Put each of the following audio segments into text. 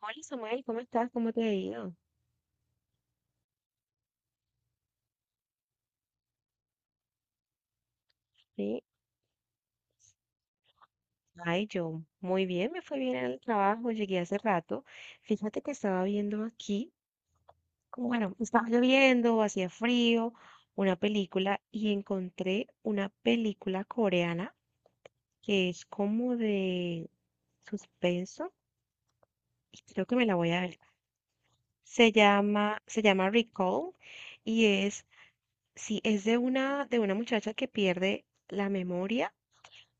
Hola Samuel, ¿cómo estás? ¿Cómo te ha ido? Sí. Ay, yo muy bien, me fue bien en el trabajo, llegué hace rato. Fíjate que estaba viendo aquí, como bueno, estaba lloviendo, hacía frío, una película y encontré una película coreana que es como de suspenso y creo que me la voy a ver. Se llama Recall y es, sí, es de una muchacha que pierde la memoria.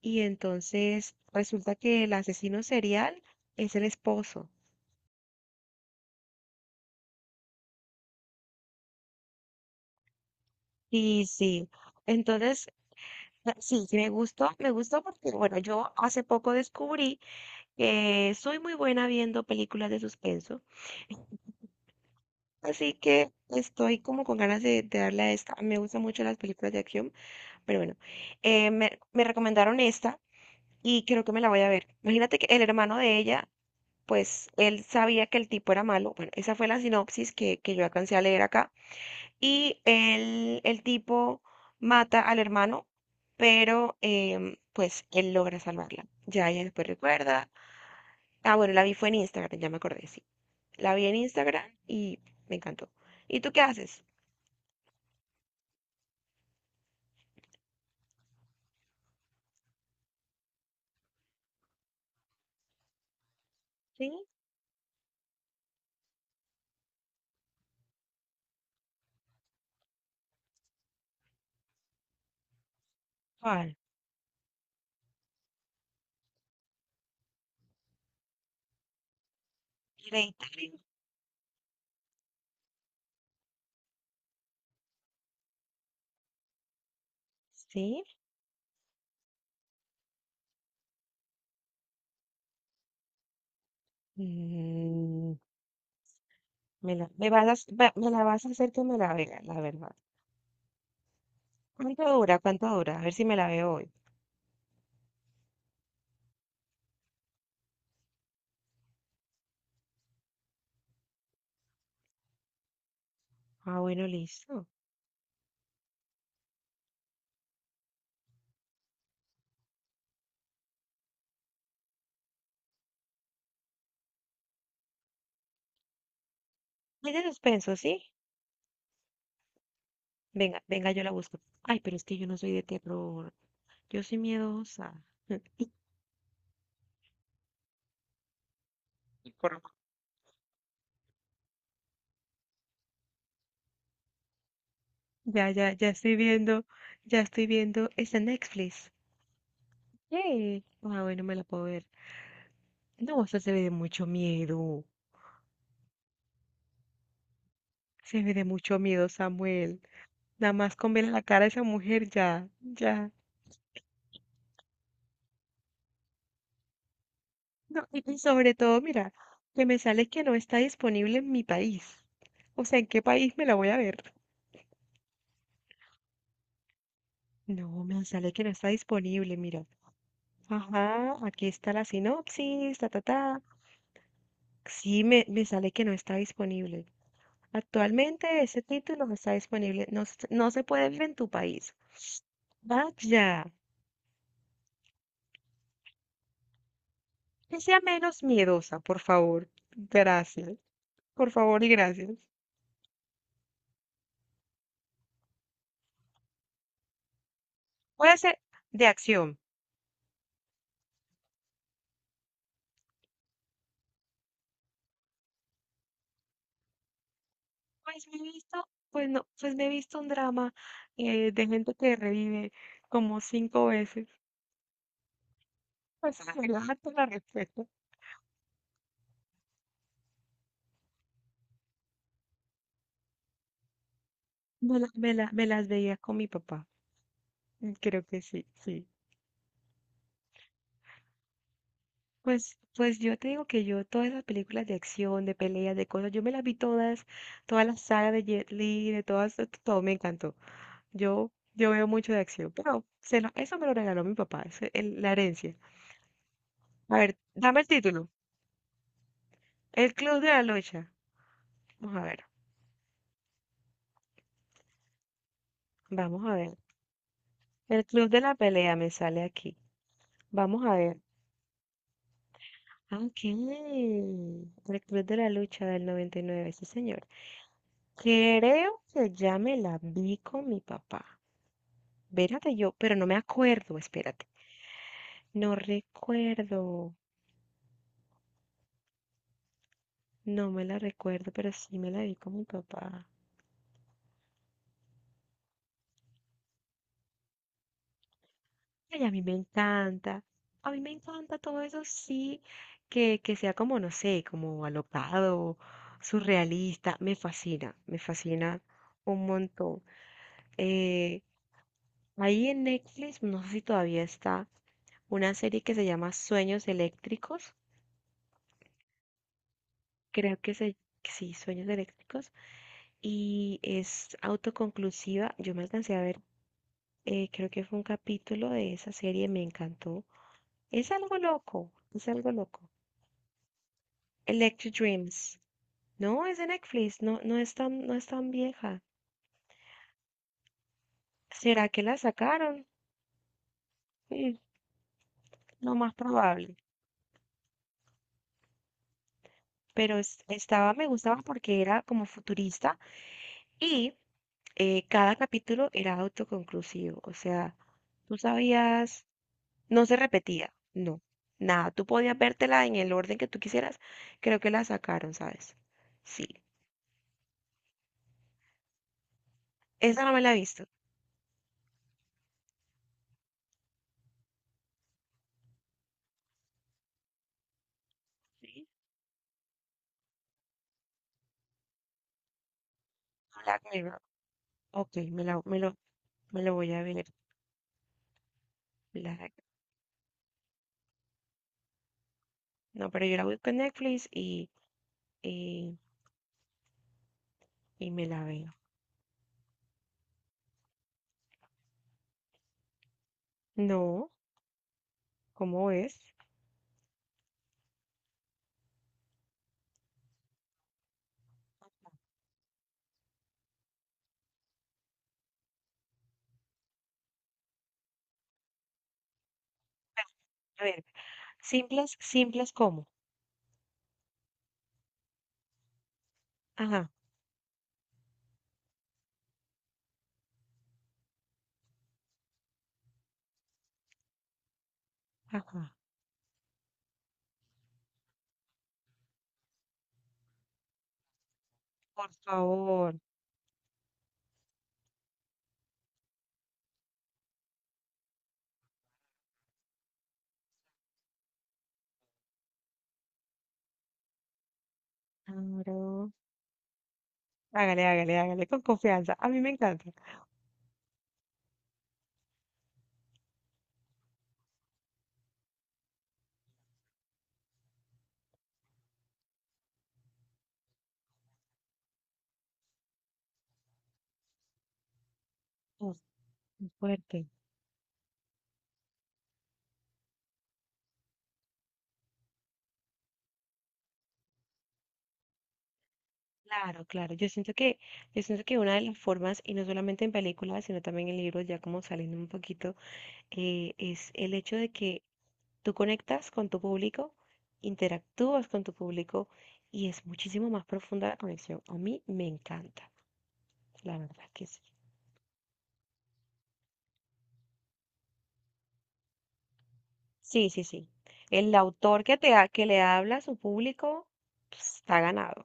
Y entonces resulta que el asesino serial es el esposo. Y sí, entonces sí, sí me gustó porque, bueno, yo hace poco descubrí que soy muy buena viendo películas de suspenso, así que estoy como con ganas de darle a esta. Me gustan mucho las películas de acción, pero bueno, me, me recomendaron esta y creo que me la voy a ver. Imagínate que el hermano de ella, pues él sabía que el tipo era malo. Bueno, esa fue la sinopsis que yo alcancé a leer acá. Y el tipo mata al hermano, pero pues él logra salvarla. Ya ella después recuerda. Ah, bueno, la vi fue en Instagram, ya me acordé, sí. La vi en Instagram y me encantó. ¿Y tú qué haces? ¿Sí? ¿Cuál? Hereditario. Sí. Mm, me la, me vas a, hac- va- me la vas a hacer que me la vea, la verdad. ¿Cuánto dura? ¿Cuánto dura? A ver si me la veo hoy. Ah, bueno, listo. Es de suspenso, ¿sí? Venga, venga, yo la busco. Ay, pero es que yo no soy de terror. Yo soy miedosa. Y corro. Ya estoy viendo, ya estoy viendo esa Netflix. Yay. Ah, bueno, me la puedo ver. No, o sea, se ve de mucho miedo. Se ve de mucho miedo, Samuel. Nada más con ver la cara de esa mujer, ya, ya. No, y sobre todo, mira, que me sale que no está disponible en mi país. O sea, ¿en qué país me la voy a ver? No, me sale que no está disponible, mira. Ajá, aquí está la sinopsis, ta, ta, ta. Sí, me sale que no está disponible. Actualmente ese título no está disponible, no, se no se puede ver en tu país. Vaya, que sea menos miedosa, por favor. Gracias, por favor y gracias. Puede ser de acción. Pues me he visto, pues no, pues me he visto un drama de gente que revive como cinco veces. Pues relájate la respuesta. Me, la- me la- me las veía con mi papá. Creo que sí, sí. Pues, pues yo te digo que yo todas esas películas de acción, de peleas, de cosas, yo me las vi todas, toda la saga de Jet Li, de todas, to- todo me encantó. Yo veo mucho de acción, pero se lo- eso me lo regaló mi papá, es el- la herencia. A ver, dame el título. El Club de la Lucha. Vamos a ver, vamos a ver. El Club de la Pelea me sale aquí. Vamos a ver. Ah, ok. El Club de la Lucha del 99, sí señor. Creo que ya me la vi con mi papá. Espérate yo, pero no me acuerdo, espérate. No recuerdo, no me la recuerdo, pero sí me la vi con mi papá. Ay, a mí me encanta, a mí me encanta todo eso, sí, que sea como, no sé, como alocado, surrealista, me fascina un montón. Eh, ahí en Netflix, no sé si todavía está, una serie que se llama Sueños Eléctricos, creo que se, sí, Sueños Eléctricos. Y es autoconclusiva. Yo me alcancé a ver, creo que fue un capítulo de esa serie, me encantó. Es algo loco, es algo loco. Electric Dreams. No, es de Netflix, no, no es tan, no es tan vieja. ¿Será que la sacaron? Mm, lo más probable. Pero es- estaba, me gustaba porque era como futurista y cada capítulo era autoconclusivo. O sea, tú sabías. No se repetía, no, nada. Tú podías vértela en el orden que tú quisieras. Creo que la sacaron, ¿sabes? Sí. Esa no me la he visto. Sí. Black Mirror. Ok, me la, me lo voy a ver. Black- No, pero yo la busco en Netflix y, y me la veo. No, ¿cómo es? A ver, simples, simples como. Ajá, ajá. Por favor. Claro. Hágale, hágale, hágale, con confianza. A mí me encanta. Uf, qué fuerte. Claro, claro. Yo siento que una de las formas, y no solamente en películas, sino también en libros, ya como saliendo un poquito, es el hecho de que tú conectas con tu público, interactúas con tu público, y es muchísimo más profunda la conexión. A mí me encanta, la verdad que sí. Sí, sí, sí. El autor que te ha- que le habla a su público, pues, está ganado,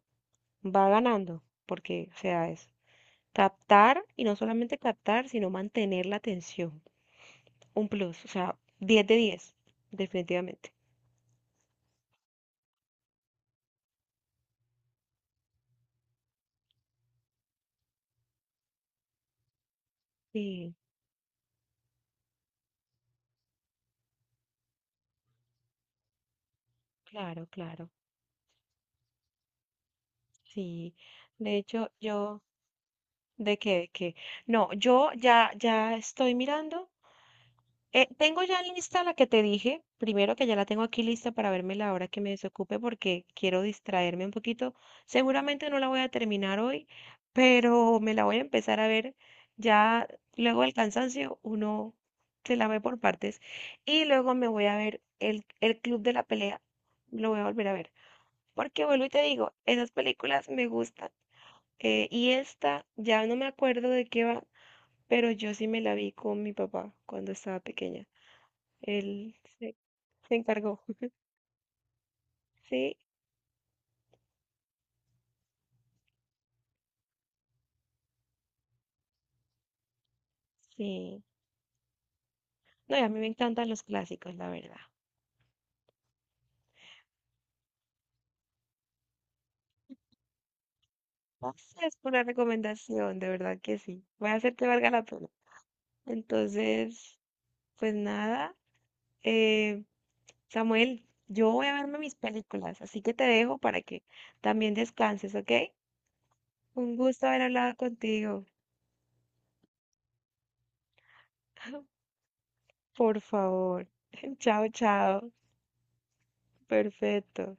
va ganando, porque, o sea, es captar, y no solamente captar, sino mantener la atención. Un plus, o sea, 10 de 10 definitivamente. Sí, claro, claro. Sí. De hecho, yo, ¿de qué? ¿De qué? No, ya estoy mirando. Tengo ya lista la que te dije, primero que ya la tengo aquí lista para verme la hora que me desocupe porque quiero distraerme un poquito. Seguramente no la voy a terminar hoy, pero me la voy a empezar a ver. Ya luego del cansancio uno se la ve por partes y luego me voy a ver el Club de la Pelea. Lo voy a volver a ver. Porque vuelvo y te digo, esas películas me gustan. Y esta, ya no me acuerdo de qué va, pero yo sí me la vi con mi papá cuando estaba pequeña. Él se, se encargó. Sí, sí. No, y a mí me encantan los clásicos, la verdad. Gracias por la recomendación, de verdad que sí. Voy a hacer que valga la pena. Entonces, pues nada, eh, Samuel, yo voy a verme mis películas, así que te dejo para que también descanses, ¿ok? Un gusto haber hablado contigo, por favor. Chao, chao. Perfecto.